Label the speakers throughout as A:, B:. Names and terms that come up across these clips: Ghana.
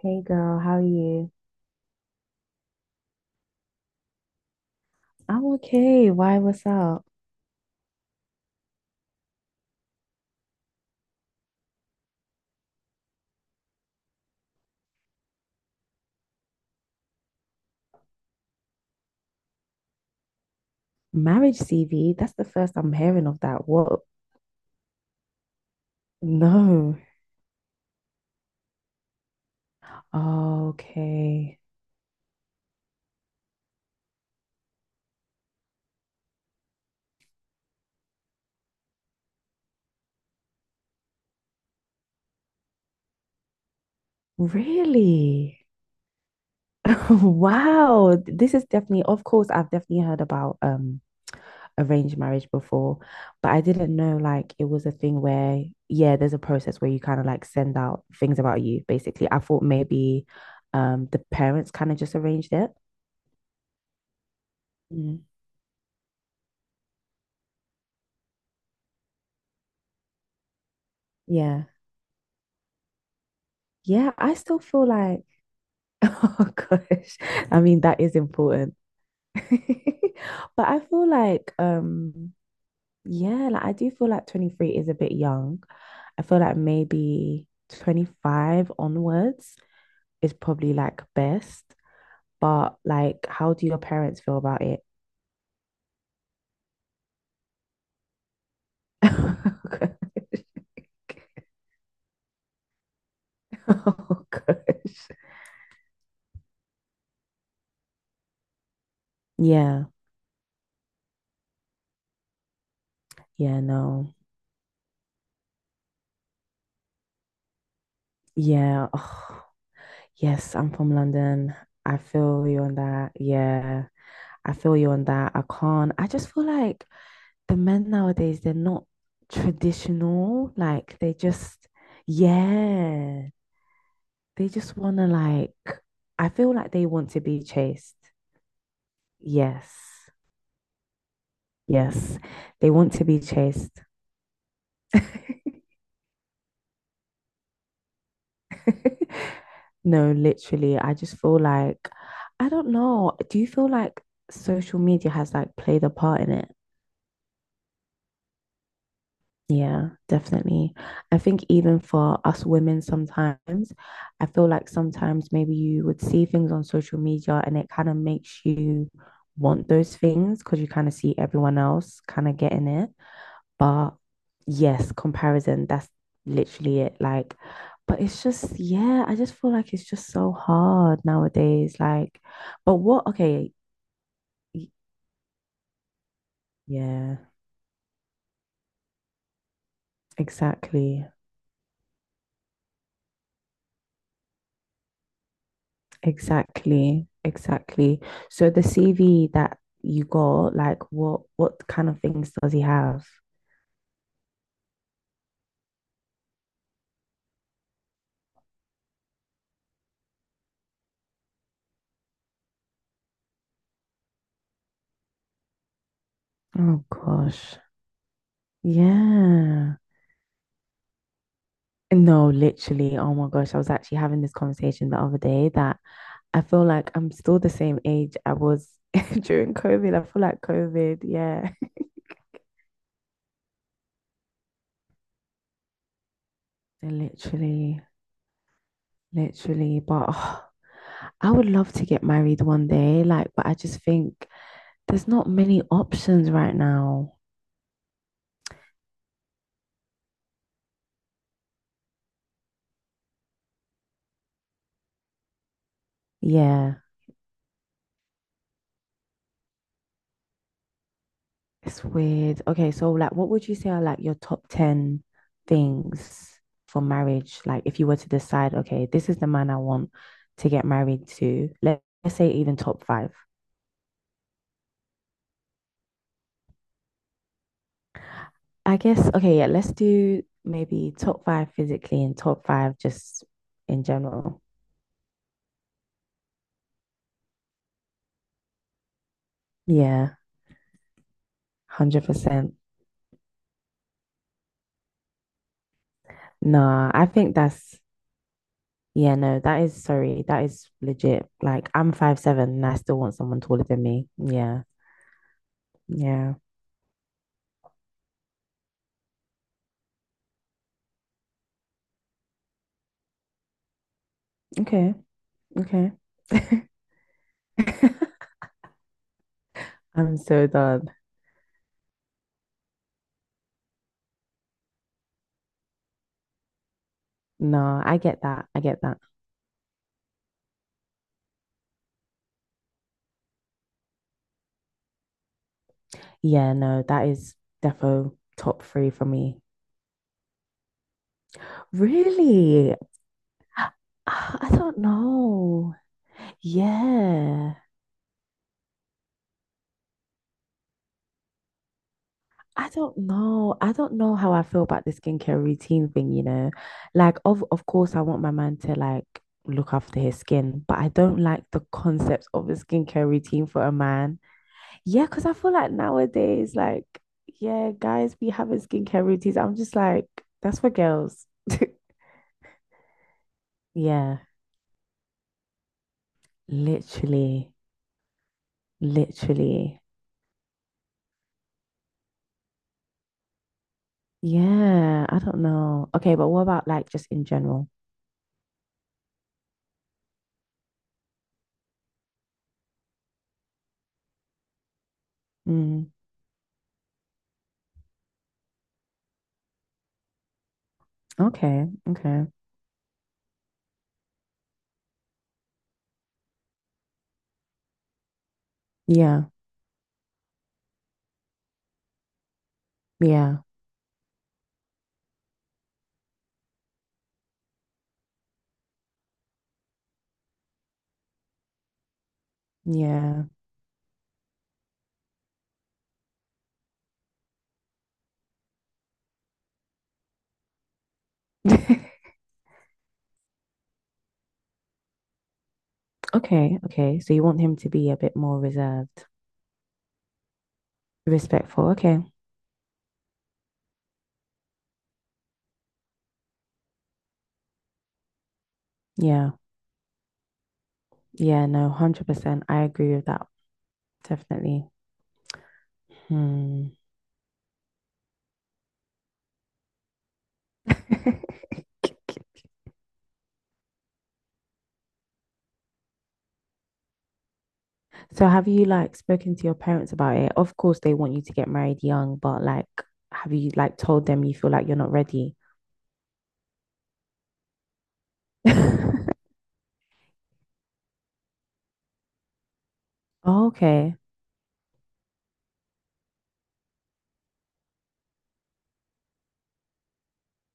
A: Hey girl, how are you? I'm okay. Why, what's up? Marriage CV? That's the first I'm hearing of that. What? No. Okay. Really? Wow. This is definitely, of course, I've definitely heard about arranged marriage before, but I didn't know like it was a thing where, yeah, there's a process where you kind of like send out things about you, basically. I thought maybe the parents kind of just arranged it. Mm. Yeah. Yeah, I still feel like Oh gosh. I mean, that is important. But I feel like yeah, like I do feel like 23 is a bit young. I feel like maybe 25 onwards is probably like best. But like how do your parents feel about it? Oh gosh. Yeah. Yeah, no. Yeah. Oh, yes, I'm from London. I feel you on that. Yeah. I feel you on that. I can't. I just feel like the men nowadays, they're not traditional. Like they just, yeah, they just want to like, I feel like they want to be chased. Yes. Yes. They want to be chased. No, literally, I just feel like, I don't know. Do you feel like social media has like played a part in it? Yeah, definitely. I think even for us women, sometimes I feel like sometimes maybe you would see things on social media and it kind of makes you want those things because you kind of see everyone else kind of getting it. But yes, comparison, that's literally it. Like, but it's just, yeah, I just feel like it's just so hard nowadays. Like, but what, okay, y- yeah, exactly. Exactly, exactly. So the CV that you got, like what kind of things does he have? Oh gosh. Yeah. No, literally. Oh my gosh. I was actually having this conversation the other day that I feel like I'm still the same age I was during COVID. I feel like COVID, yeah. Literally, literally. But oh, I would love to get married one day, like, but I just think there's not many options right now. Yeah. It's weird. Okay, so like what would you say are like your top 10 things for marriage? Like if you were to decide, okay, this is the man I want to get married to. Let- Let's say even top five. I guess, okay, yeah, let's do maybe top five physically and top five just in general. Yeah, 100%. Nah, I think that's, yeah, no, that is, sorry, that is legit. Like I'm 5'7" and I still want someone taller than me. Yeah, yeah. Okay, okay. I'm so done. No, I get that. I get that. Yeah, no, that is defo top three for me. Really? I don't know. Yeah. I don't know. I don't know how I feel about the skincare routine thing, you know. Like of course I want my man to like look after his skin, but I don't like the concept of a skincare routine for a man. Yeah, because I feel like nowadays, like, yeah, guys be having skincare routines. I'm just like, that's for girls. Yeah, literally, literally. Yeah, I don't know. Okay, but what about like just in general? Mm, okay, okay. Yeah, yeah, yeah. Okay, okay. So you want him to be a bit more reserved, respectful. Okay. Yeah. Yeah, no, 100%. I agree with that. Definitely. Hmm. So have you like spoken to your parents about it? Of course they want you to get married young, but like have you like told them you feel like you're not ready? Oh, okay.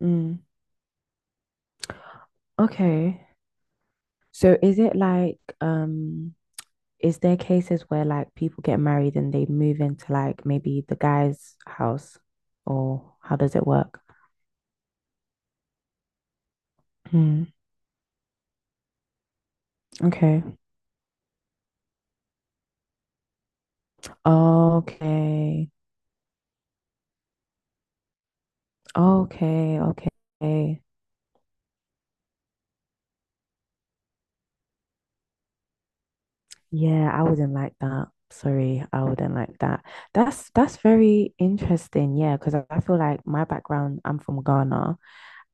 A: Mm, okay. So is it like is there cases where like people get married and they move into like maybe the guy's house or how does it work? Mm, okay. Okay. Okay. Okay. Yeah, I wouldn't like that. Sorry, I wouldn't like that. That's very interesting. Yeah, because I feel like my background, I'm from Ghana,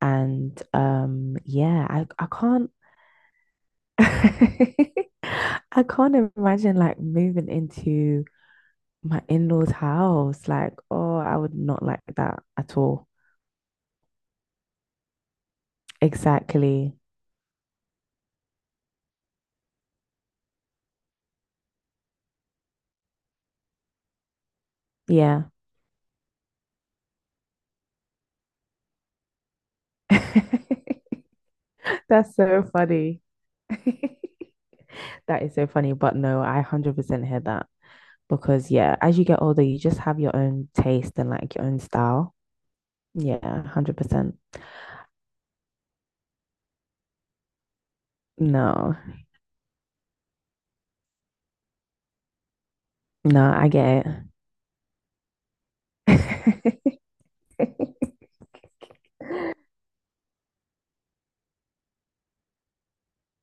A: and yeah, I can't I can't imagine like moving into my in-laws' house. Like, oh, I would not like that at all. Exactly. Yeah. That's so funny. That is so funny, but no, I 100% hear that. Because yeah, as you get older, you just have your own taste and like your own style. Yeah, 100%. No, no, I get it.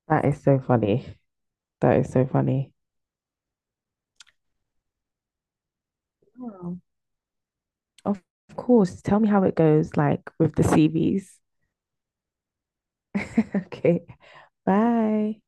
A: That is so funny. That is so funny. Wow. Of of course. Tell me how it goes, like with the CVs. Okay. Bye.